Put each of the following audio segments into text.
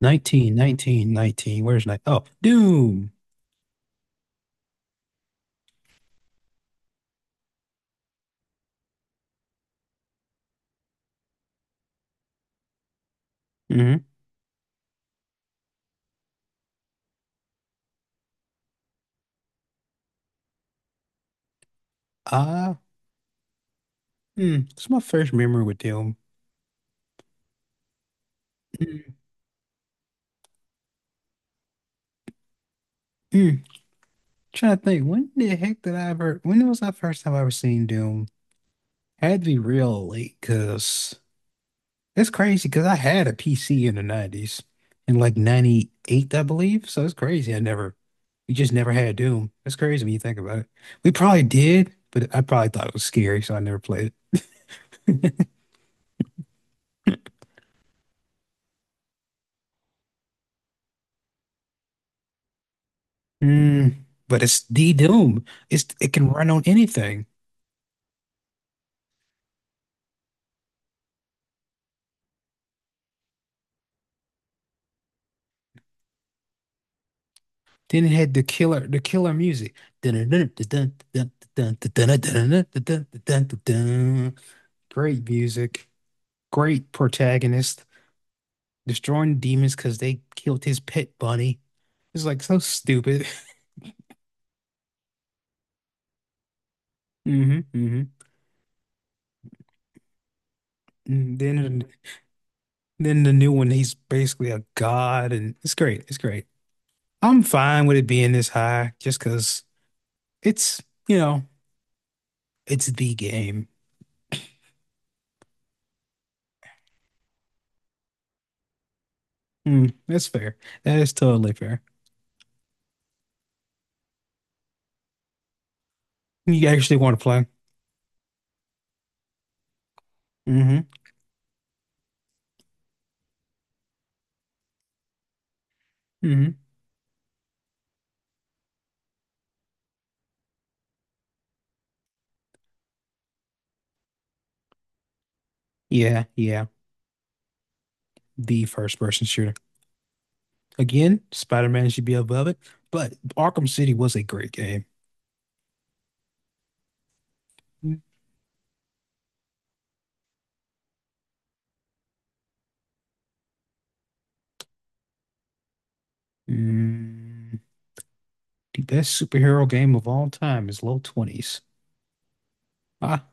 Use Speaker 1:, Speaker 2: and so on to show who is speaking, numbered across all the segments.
Speaker 1: 19, 19, 19. Where's nine? Oh, Doom. Hmm. Ah, hmm. It's my first memory with Doom. Mm-hmm. Trying to think, when was the first time I ever seen Doom? Had to be real late, because it's crazy, because I had a PC in the 90s, in like 98, I believe. So it's crazy. I never, we just never had Doom. It's crazy when you think about it. We probably did, but I probably thought it was scary, so I never played it. Mm, but it's D Doom. It can run on anything. Then it had the killer music. Great music. Great protagonist. Destroying demons because they killed his pet bunny. It's like so stupid. Hmm, hmm. Then then the new one, he's basically a god, and it's great. It's great. I'm fine with it being this high just because it's, you know, it's the game. Mm, that's fair. That is totally fair. You actually want to play. Hmm, hmm. Yeah, yeah. The first person shooter. Again, Spider-Man should be above it, but Arkham City was a great game. Mm, the best superhero game of all time is low 20s. Ah,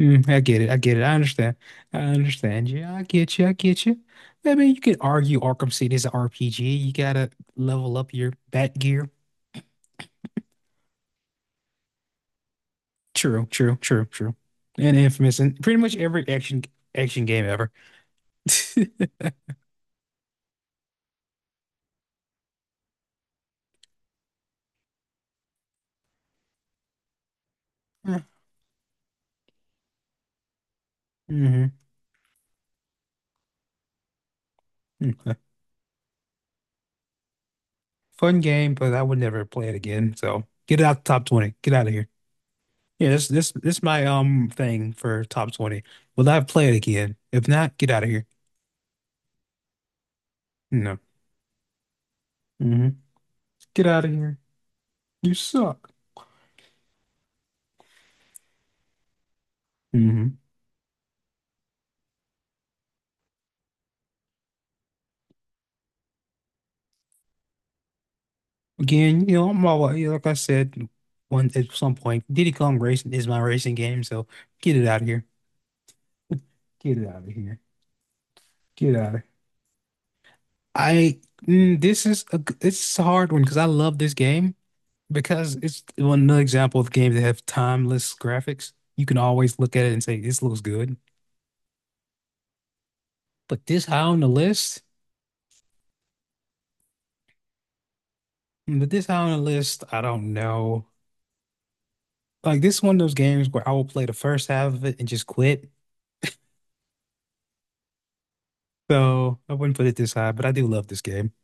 Speaker 1: mm, I get it. I get it. I understand. I understand you. I get you. I get you. I mean, you could argue Arkham City is an RPG. You gotta level up your bat gear. True, true, true, true. And Infamous and pretty much every action game ever. Hmm. Fun game, but I would never play it again. So get it out the top 20. Get out of here. Yeah, this my thing for top 20. Will I play it again? If not, get out of here. No. Hmm. Get out of here. You suck. Hmm. Again, I'm all, like I said one at some point, Diddy Kong Racing is my racing game, so get it out of here. Get it out of here. Get out of here. I mm, this is a g- this is a hard one because I love this game because it's one another example of games that have timeless graphics. You can always look at it and say this looks good, but this high on the list, but this high on the list, I don't know. Like this is one of those games where I will play the first half of it and just quit. So I wouldn't put it this high, but I do love this game.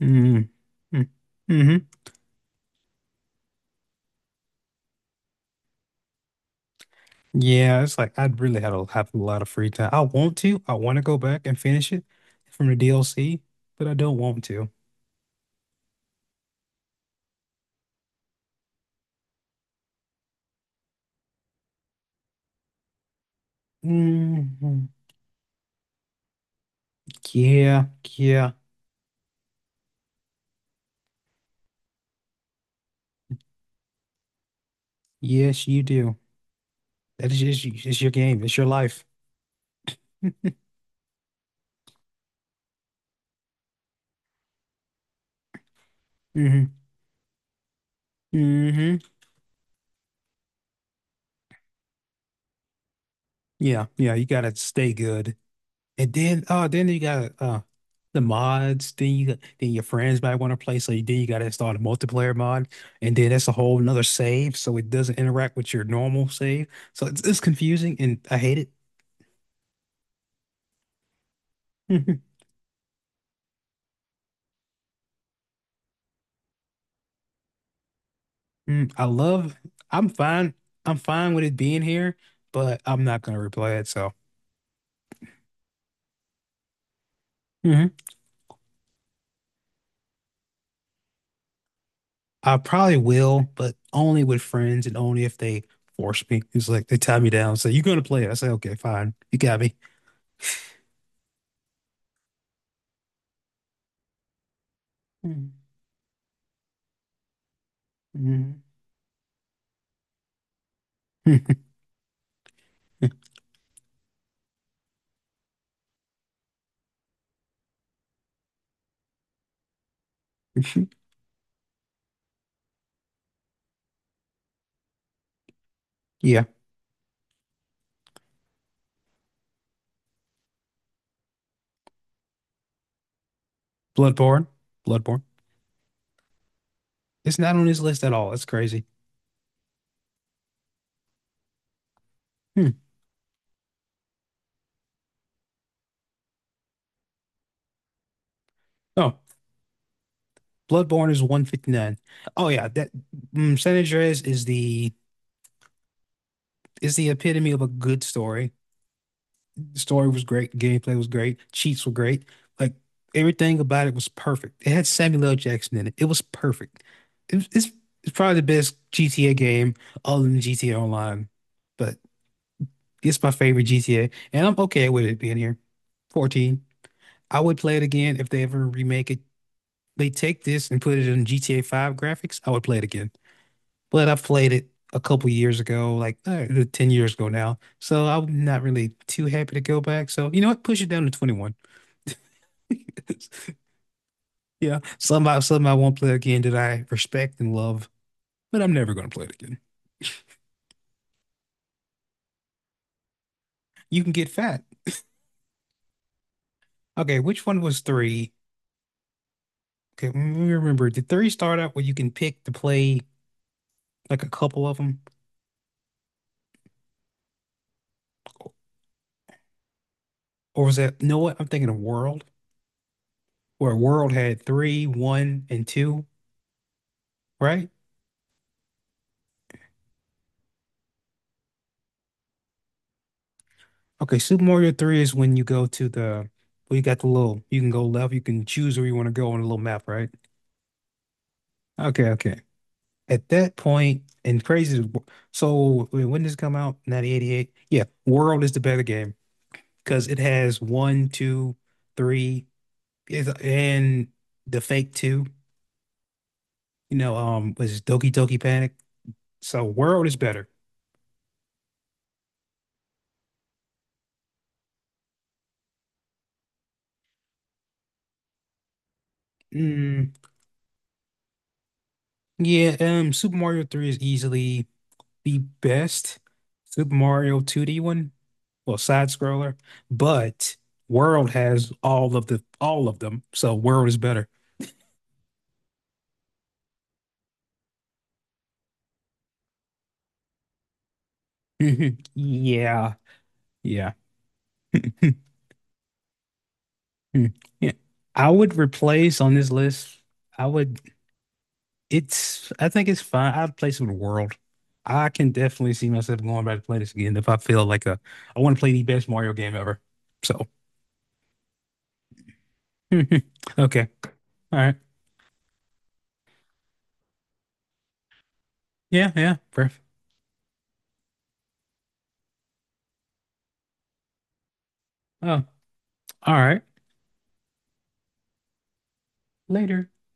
Speaker 1: Mm-hmm. Mm-hmm. Mm-hmm. Yeah, it's like I'd really had a have a lot of free time. I want to. I want to go back and finish it from the DLC, but I don't want to. Hmm. Yeah, yeah, yes, you do. That is just it's your game. It's your life. Hmm, hmm. Yeah, yeah. You gotta stay good. And then, oh, then you got the mods. Then your friends might want to play, so then you got to install the multiplayer mod, and then that's a whole another save, so it doesn't interact with your normal save. So it's confusing, and I hate it. Mm, I love. I'm fine. I'm fine with it being here, but I'm not gonna replay it. So mhm. I probably will, but only with friends and only if they force me. It's like they tie me down, say you're gonna play it. I say okay, fine. You got me. Mm, mm. Yeah. Bloodborne. Bloodborne. It's not on his list at all. That's crazy. Hmm. Oh, Bloodborne is 159. Oh yeah, San Andreas is the epitome of a good story. The story was great, gameplay was great, cheats were great. Like everything about it was perfect. It had Samuel L. Jackson in it. It was perfect. It, it's it's probably the best GTA game other than GTA Online, but it's my favorite GTA, and I'm okay with it being here. 14. I would play it again if they ever remake it, they take this and put it in GTA 5 graphics, I would play it again. But I played it a couple years ago, like 10 years ago now. So I'm not really too happy to go back. So, you know what? Push it down to 21. Yeah, somehow I won't play again that I respect and love, but I'm never going to play it again. You can get fat. Okay, which one was three? Okay, remember, did three start out where you can pick to play like a couple of them? Or was that, you know what? I'm thinking of World, where World had three, one, and two, right? Okay, Super Mario 3 is when you go to the, well, you got the little, you can go left, you can choose where you want to go on a little map, right? Okay, okay. At that point, and crazy, so wait, when did this come out? 1988? Yeah, World is the better game because it has one, two, three, and the fake two, was Doki Doki Panic. So World is better. Mm, yeah, Super Mario 3 is easily the best Super Mario 2D one. Well, side scroller, but World has all of them, so World is better. Yeah, yeah. Yeah. I would replace on this list. I would. It's. I think it's fine. I'd place it with World. I can definitely see myself going back to play this again if I feel like a. I want to play the best Mario game ever. So, okay, all right. Yeah, yeah. Breath. Oh, all right. Later.